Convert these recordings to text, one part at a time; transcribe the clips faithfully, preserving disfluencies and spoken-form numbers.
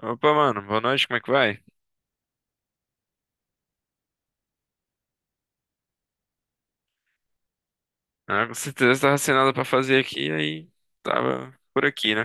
Opa, mano, boa noite, como é que vai? Ah, com certeza tava sem nada pra fazer aqui, aí tava por aqui, né?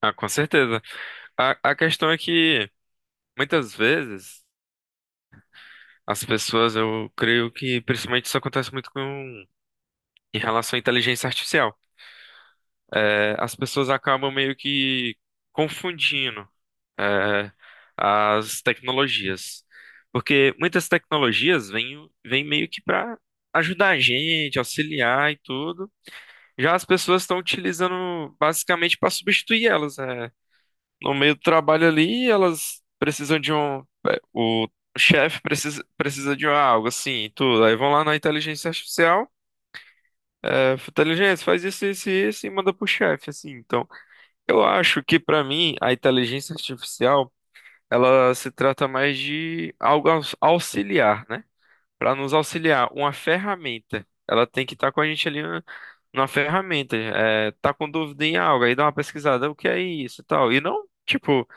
Ah, com certeza. A, a questão é que muitas vezes as pessoas, eu creio que principalmente isso acontece muito com em relação à inteligência artificial. É, as pessoas acabam meio que confundindo é, as tecnologias. Porque muitas tecnologias vêm, vêm meio que pra ajudar a gente, auxiliar e tudo. Já as pessoas estão utilizando basicamente para substituir elas, né? No meio do trabalho ali, elas precisam de um. é, O chefe precisa, precisa de algo assim, e tudo. Aí vão lá na inteligência artificial, é, inteligência, faz isso, isso e isso e manda pro chefe, assim. Então, eu acho que para mim, a inteligência artificial, ela se trata mais de algo aux- auxiliar, né? Para nos auxiliar. Uma ferramenta, ela tem que estar com a gente ali na, na ferramenta. É, tá com dúvida em algo, aí dá uma pesquisada, o que é isso e tal. E não, tipo,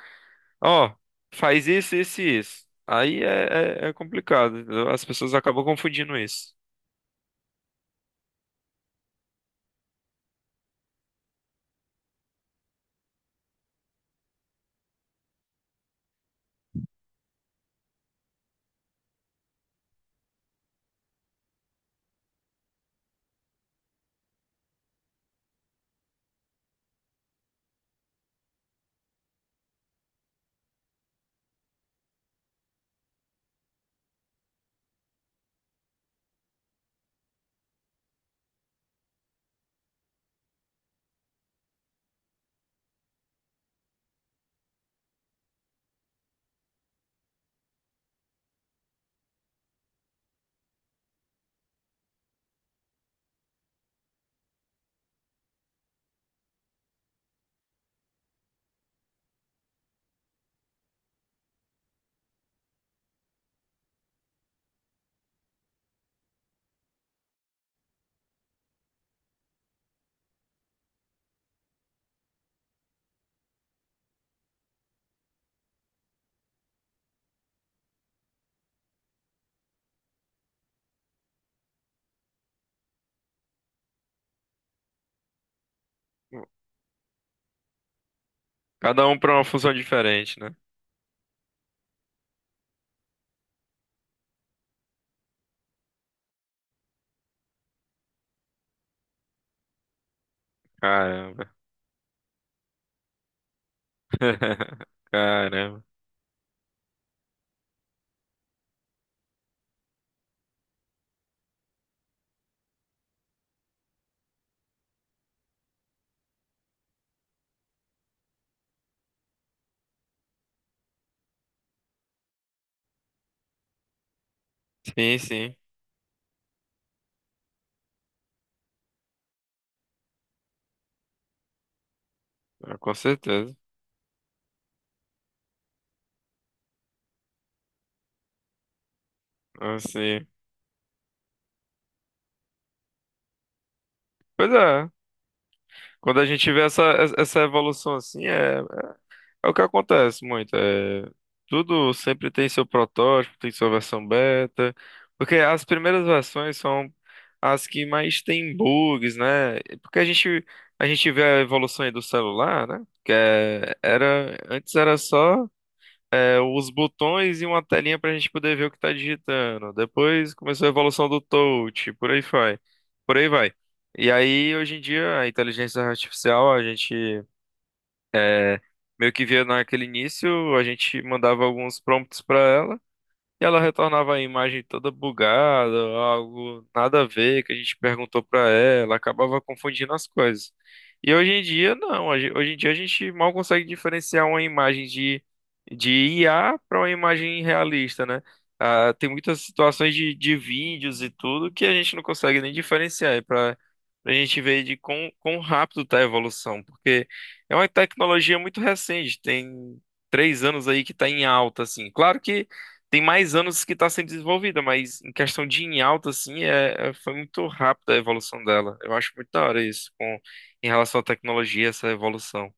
ó, faz isso, isso e isso. Aí é, é, é complicado, entendeu? As pessoas acabam confundindo isso. Cada um para uma função diferente, né? Caramba. Caramba. Sim, sim. Ah, com certeza. Assim. Pois é. Quando a gente vê essa, essa evolução assim, é é o que acontece muito. É... Tudo sempre tem seu protótipo, tem sua versão beta. Porque as primeiras versões são as que mais têm bugs, né? Porque a gente, a gente vê a evolução aí do celular, né? Que é- era, antes era só é, os botões e uma telinha para a gente poder ver o que está digitando. Depois começou a evolução do touch, por aí vai. Por aí vai. E aí, hoje em dia, a inteligência artificial, a gente. É, Meio que via naquele início, a gente mandava alguns prompts para ela. E ela retornava a imagem toda bugada, algo nada a ver que a gente perguntou pra ela, acabava confundindo as coisas. E hoje em dia, não. Hoje hoje em dia a gente mal consegue diferenciar uma imagem de, de I A para uma imagem realista, né? Ah, tem muitas situações de, de vídeos e tudo que a gente não consegue nem diferenciar. É para a gente ver de quão, quão rápido tá a evolução, porque é uma tecnologia muito recente, tem três anos aí que tá em alta, assim. Claro que tem mais anos que está sendo desenvolvida, mas em questão de em alta, assim, é, é- foi muito rápida a evolução dela. Eu acho muito da hora isso, com, em relação à tecnologia, essa evolução.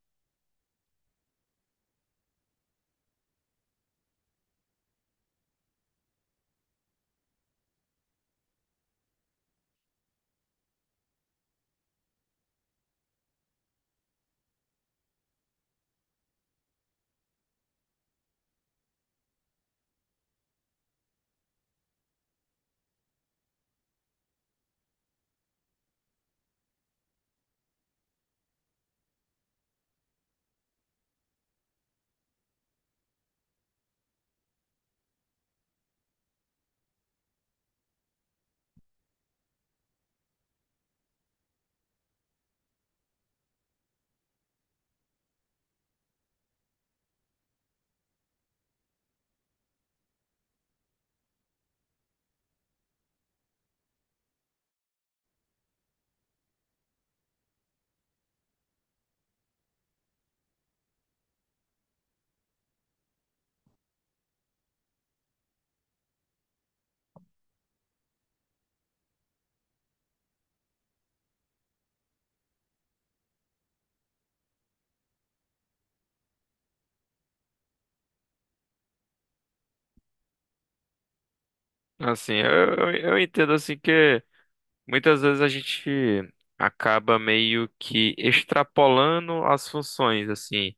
Assim, eu, eu eu entendo assim que muitas vezes a gente acaba meio que extrapolando as funções, assim.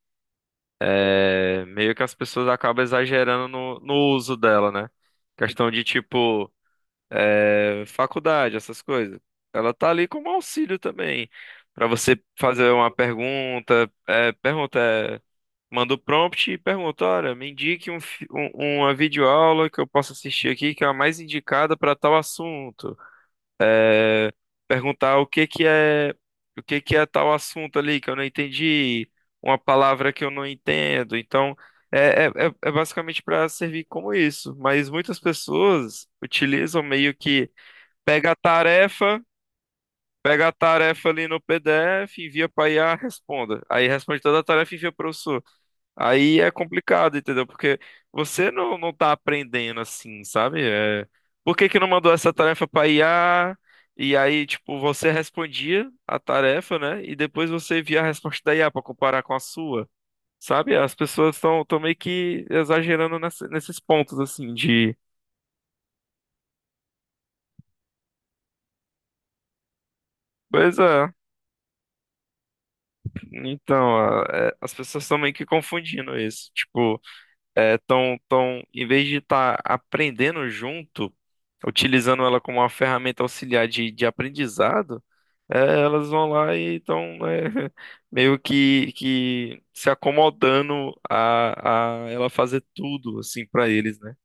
É, meio que as pessoas acabam exagerando no, no uso dela, né? Questão de tipo. É, faculdade, essas coisas. Ela tá ali como auxílio também, para você fazer uma pergunta, é, pergunta, é, manda o prompt e pergunta, olha, me indique um, fi- um- uma videoaula que eu possa assistir aqui, que é a mais indicada para tal assunto. É, Perguntar o que que é, o que que é tal assunto ali que eu não entendi, uma palavra que eu não entendo. Então, é, é, é é basicamente para servir como isso. Mas muitas pessoas utilizam meio que Pega a tarefa, pega a tarefa ali no P D F, envia para I A, responda. Aí responde toda a tarefa e envia para o professor. Aí é complicado, entendeu? Porque você não, não tá aprendendo assim, sabe? É, por que que não mandou essa tarefa para I A? E aí, tipo, você respondia a tarefa, né? E depois você via a resposta da I A para comparar com a sua. Sabe? As pessoas estão meio que exagerando nessa- nesses pontos, assim, de... Pois é. Então, a- é, as pessoas estão meio que confundindo isso. Tipo, é, tão, tão, em vez de estar aprendendo junto, utilizando ela como uma ferramenta auxiliar de, de aprendizado, é, elas vão lá e estão, meio que, que se acomodando a, a ela fazer tudo, assim, para eles, né?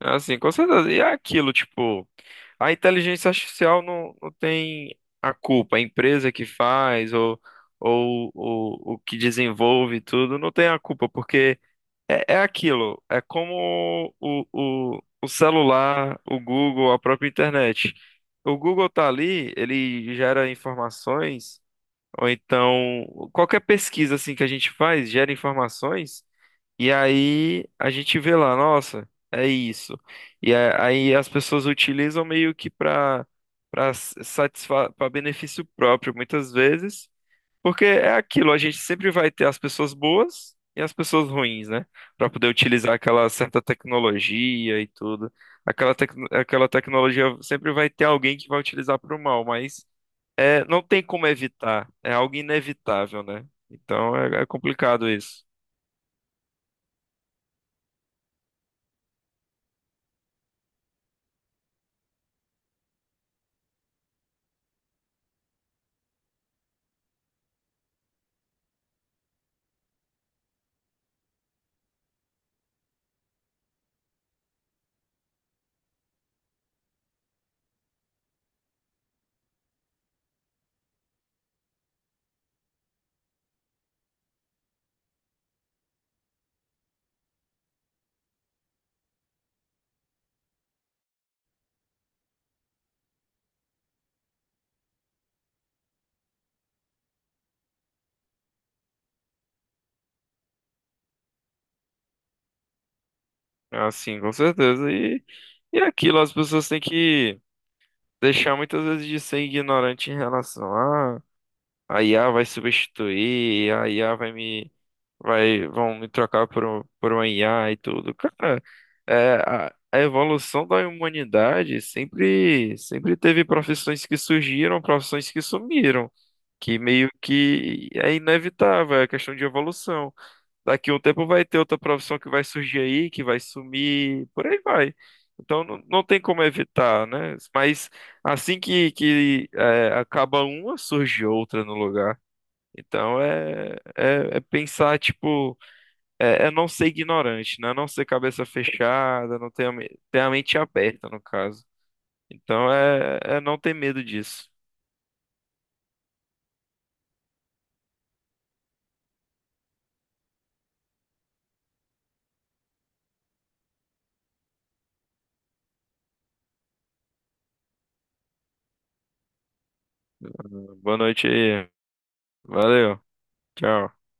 Assim, com certeza. E é aquilo, tipo, a inteligência artificial não, não tem a culpa. A empresa que faz ou, ou, ou o que desenvolve tudo não tem a culpa, porque é, é aquilo. É como o, o, o celular, o Google, a própria internet. O Google tá ali, ele gera informações, ou então qualquer pesquisa assim que a gente faz gera informações e aí a gente vê lá, nossa, é isso. E a- aí as pessoas utilizam meio que para para satisfa para benefício próprio muitas vezes, porque é aquilo, a gente sempre vai ter as pessoas boas e as pessoas ruins, né? Para poder utilizar aquela certa tecnologia e tudo. Aquela tecno- aquela tecnologia sempre vai ter alguém que vai utilizar para o mal, mas é, não tem como evitar, é algo inevitável, né? Então é é complicado isso. Ah, sim, com certeza. E, e é aquilo, as pessoas têm que deixar muitas vezes de ser ignorante em relação a a I A vai substituir, a I A vai me vai vão me trocar por um, por uma I A e tudo. Cara, é, a, a evolução da humanidade sempre sempre teve profissões que surgiram, profissões que sumiram, que meio que é inevitável, é questão de evolução. Daqui a um tempo vai ter outra profissão que vai surgir aí, que vai sumir, por aí vai. Então não, não tem como evitar, né? Mas assim que, que é, acaba uma, surge outra no lugar. Então é, é, é pensar, tipo, é, é não ser ignorante, né? Não ser cabeça fechada, não ter, a me- ter a mente aberta, no caso. Então é, é não ter medo disso. Boa noite aí. Valeu. Tchau.